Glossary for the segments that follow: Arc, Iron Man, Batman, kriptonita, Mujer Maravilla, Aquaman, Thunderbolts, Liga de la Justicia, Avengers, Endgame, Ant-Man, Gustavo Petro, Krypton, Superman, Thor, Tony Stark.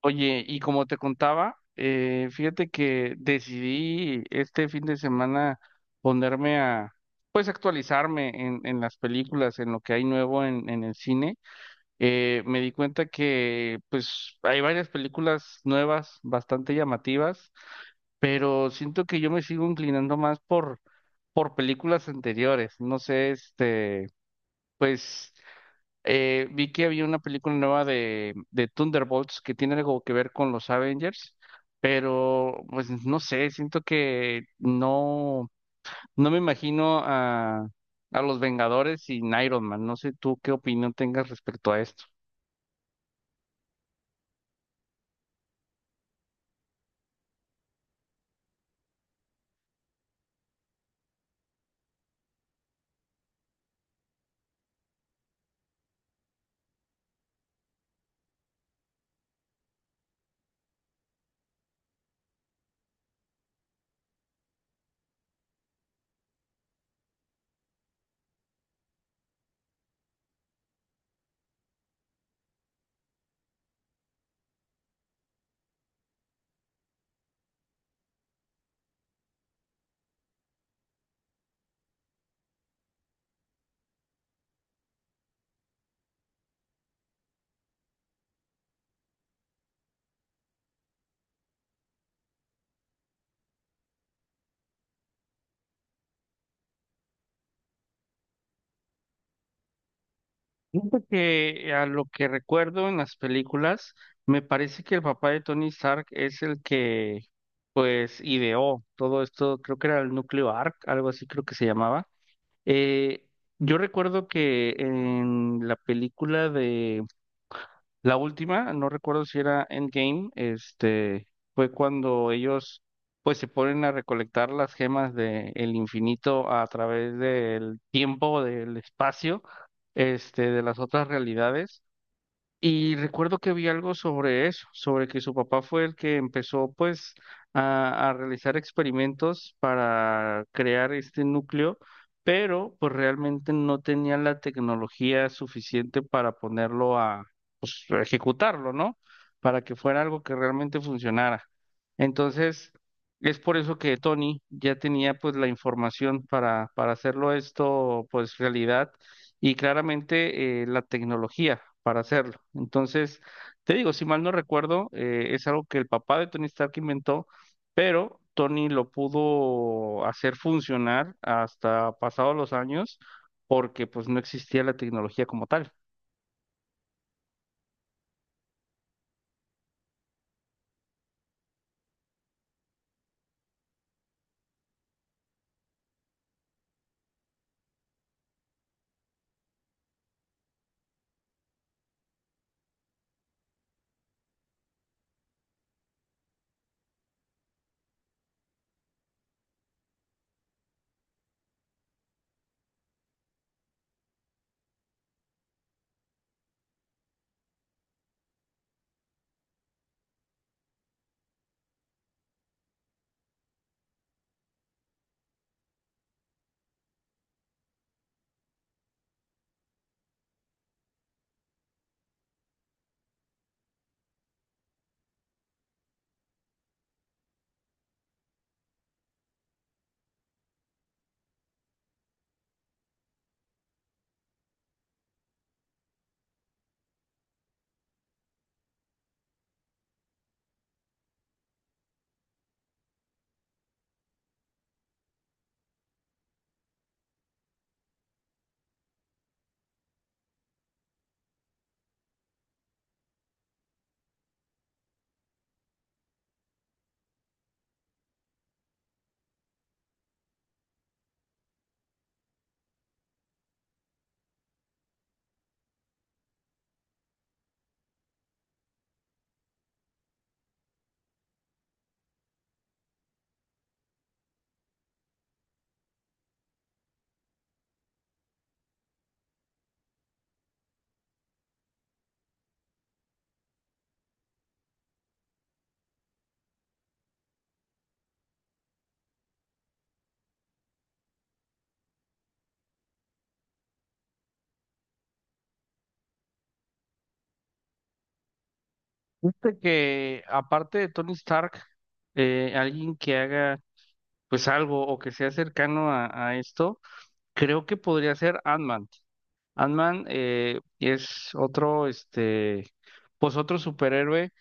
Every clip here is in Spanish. Oye, y como te contaba, fíjate que decidí este fin de semana ponerme a, pues actualizarme en las películas, en lo que hay nuevo en el cine. Me di cuenta que pues hay varias películas nuevas, bastante llamativas, pero siento que yo me sigo inclinando más por películas anteriores. No sé, este, pues vi que había una película nueva de Thunderbolts que tiene algo que ver con los Avengers, pero pues no sé, siento que no me imagino a los Vengadores sin Iron Man. No sé tú qué opinión tengas respecto a esto. Siento que a lo que recuerdo en las películas, me parece que el papá de Tony Stark es el que pues ideó todo esto, creo que era el núcleo Arc, algo así creo que se llamaba. Eh, yo recuerdo que en la película de la última, no recuerdo si era Endgame, este, fue cuando ellos pues se ponen a recolectar las gemas del infinito a través del tiempo, del espacio, este, de las otras realidades. Y recuerdo que vi algo sobre eso, sobre que su papá fue el que empezó pues a realizar experimentos para crear este núcleo, pero pues realmente no tenía la tecnología suficiente para ponerlo a, pues, a ejecutarlo, ¿no? Para que fuera algo que realmente funcionara. Entonces, es por eso que Tony ya tenía pues la información para hacerlo esto pues realidad y claramente la tecnología para hacerlo. Entonces, te digo, si mal no recuerdo, es algo que el papá de Tony Stark inventó, pero Tony lo pudo hacer funcionar hasta pasados los años porque pues no existía la tecnología como tal. Fíjate que aparte de Tony Stark, alguien que haga pues algo o que sea cercano a esto, creo que podría ser Ant-Man. Es otro, este, pues otro superhéroe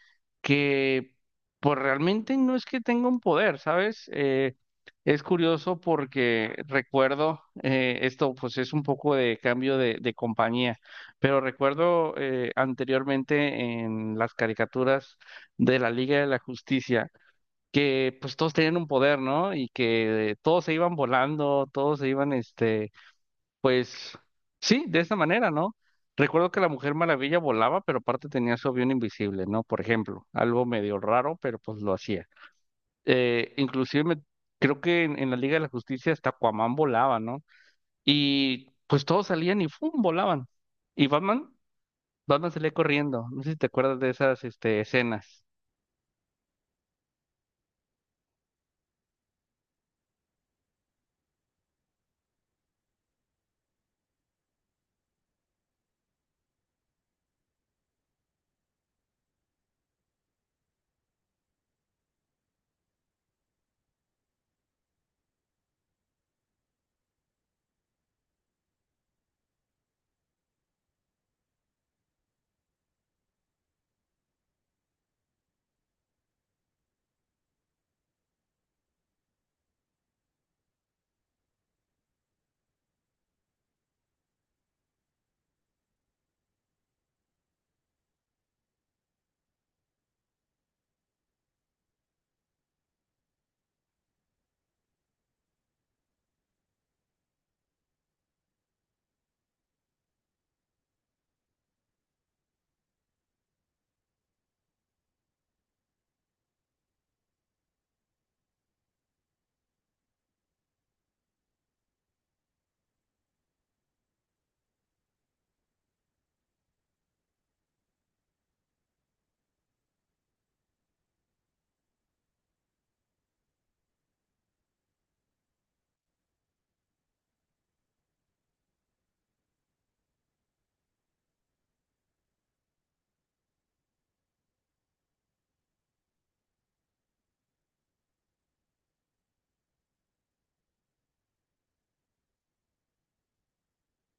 que pues realmente no es que tenga un poder, ¿sabes? Es curioso porque recuerdo, esto pues es un poco de cambio de compañía, pero recuerdo anteriormente en las caricaturas de la Liga de la Justicia que pues todos tenían un poder, ¿no? Y que todos se iban volando, todos se iban, este, pues sí, de esa manera, ¿no? Recuerdo que la Mujer Maravilla volaba, pero aparte tenía su avión invisible, ¿no? Por ejemplo, algo medio raro, pero pues lo hacía. Eh, inclusive me- Creo que en la Liga de la Justicia hasta Aquaman volaba, ¿no? Y pues todos salían y ¡fum!, volaban. Y Batman, Batman salía corriendo. No sé si te acuerdas de esas este, escenas.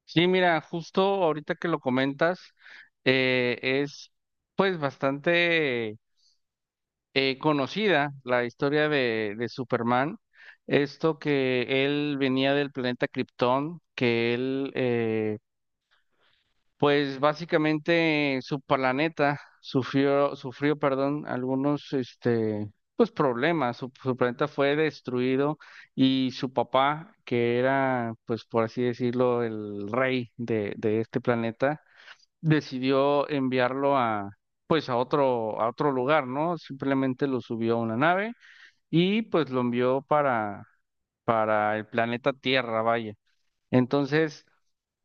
Sí, mira, justo ahorita que lo comentas, es pues bastante conocida la historia de Superman, esto que él venía del planeta Krypton, que él, pues básicamente su planeta sufrió, sufrió, perdón, algunos, este, pues problemas, su planeta fue destruido y su papá, que era, pues por así decirlo, el rey de este planeta, decidió enviarlo a... pues a otro lugar, ¿no? Simplemente lo subió a una nave y pues lo envió para el planeta Tierra, vaya. Entonces,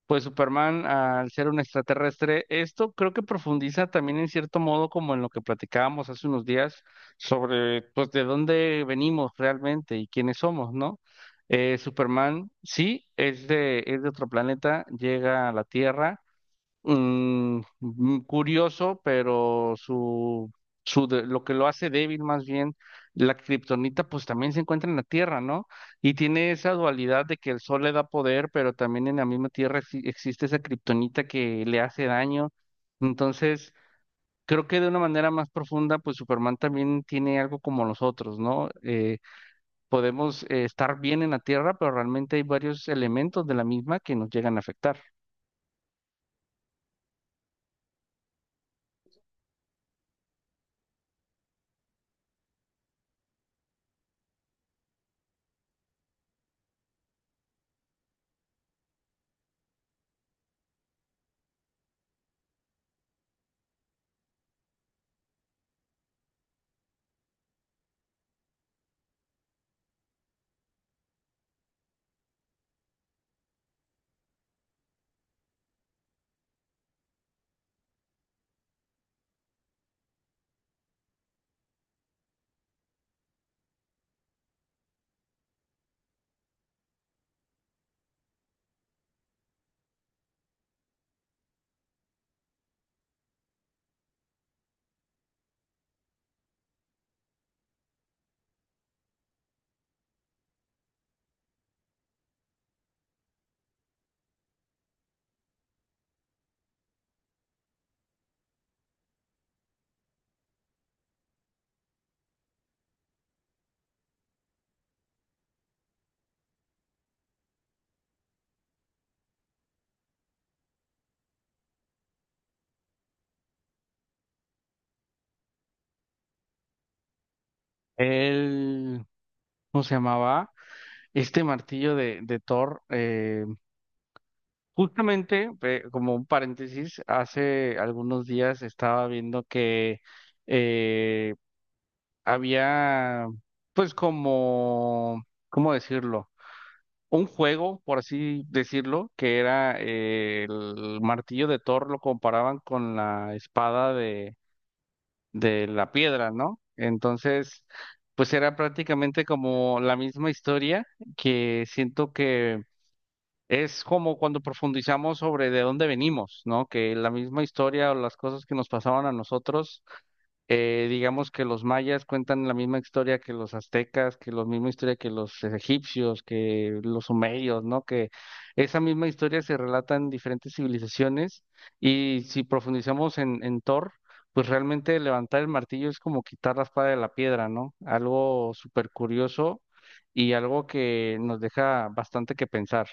pues Superman, al ser un extraterrestre, esto creo que profundiza también en cierto modo como en lo que platicábamos hace unos días sobre pues de dónde venimos realmente y quiénes somos, ¿no? Superman sí es de otro planeta, llega a la Tierra, curioso, pero lo que lo hace débil más bien, la kriptonita pues también se encuentra en la Tierra, ¿no? Y tiene esa dualidad de que el sol le da poder, pero también en la misma Tierra existe esa kriptonita que le hace daño. Entonces, creo que de una manera más profunda, pues Superman también tiene algo como los otros, ¿no? Podemos estar bien en la Tierra, pero realmente hay varios elementos de la misma que nos llegan a afectar. Él, ¿cómo se llamaba? Este martillo de Thor, justamente, como un paréntesis, hace algunos días estaba viendo que eh, había, pues como, ¿cómo decirlo? Un juego, por así decirlo, que era el martillo de Thor, lo comparaban con la espada de la piedra, ¿no? Entonces, pues era prácticamente como la misma historia que siento que es como cuando profundizamos sobre de dónde venimos, ¿no? Que la misma historia o las cosas que nos pasaban a nosotros, digamos que los mayas cuentan la misma historia que los aztecas, que la misma historia que los egipcios, que los sumerios, ¿no? Que esa misma historia se relata en diferentes civilizaciones y si profundizamos en Thor, pues realmente levantar el martillo es como quitar la espada de la piedra, ¿no? Algo súper curioso y algo que nos deja bastante que pensar.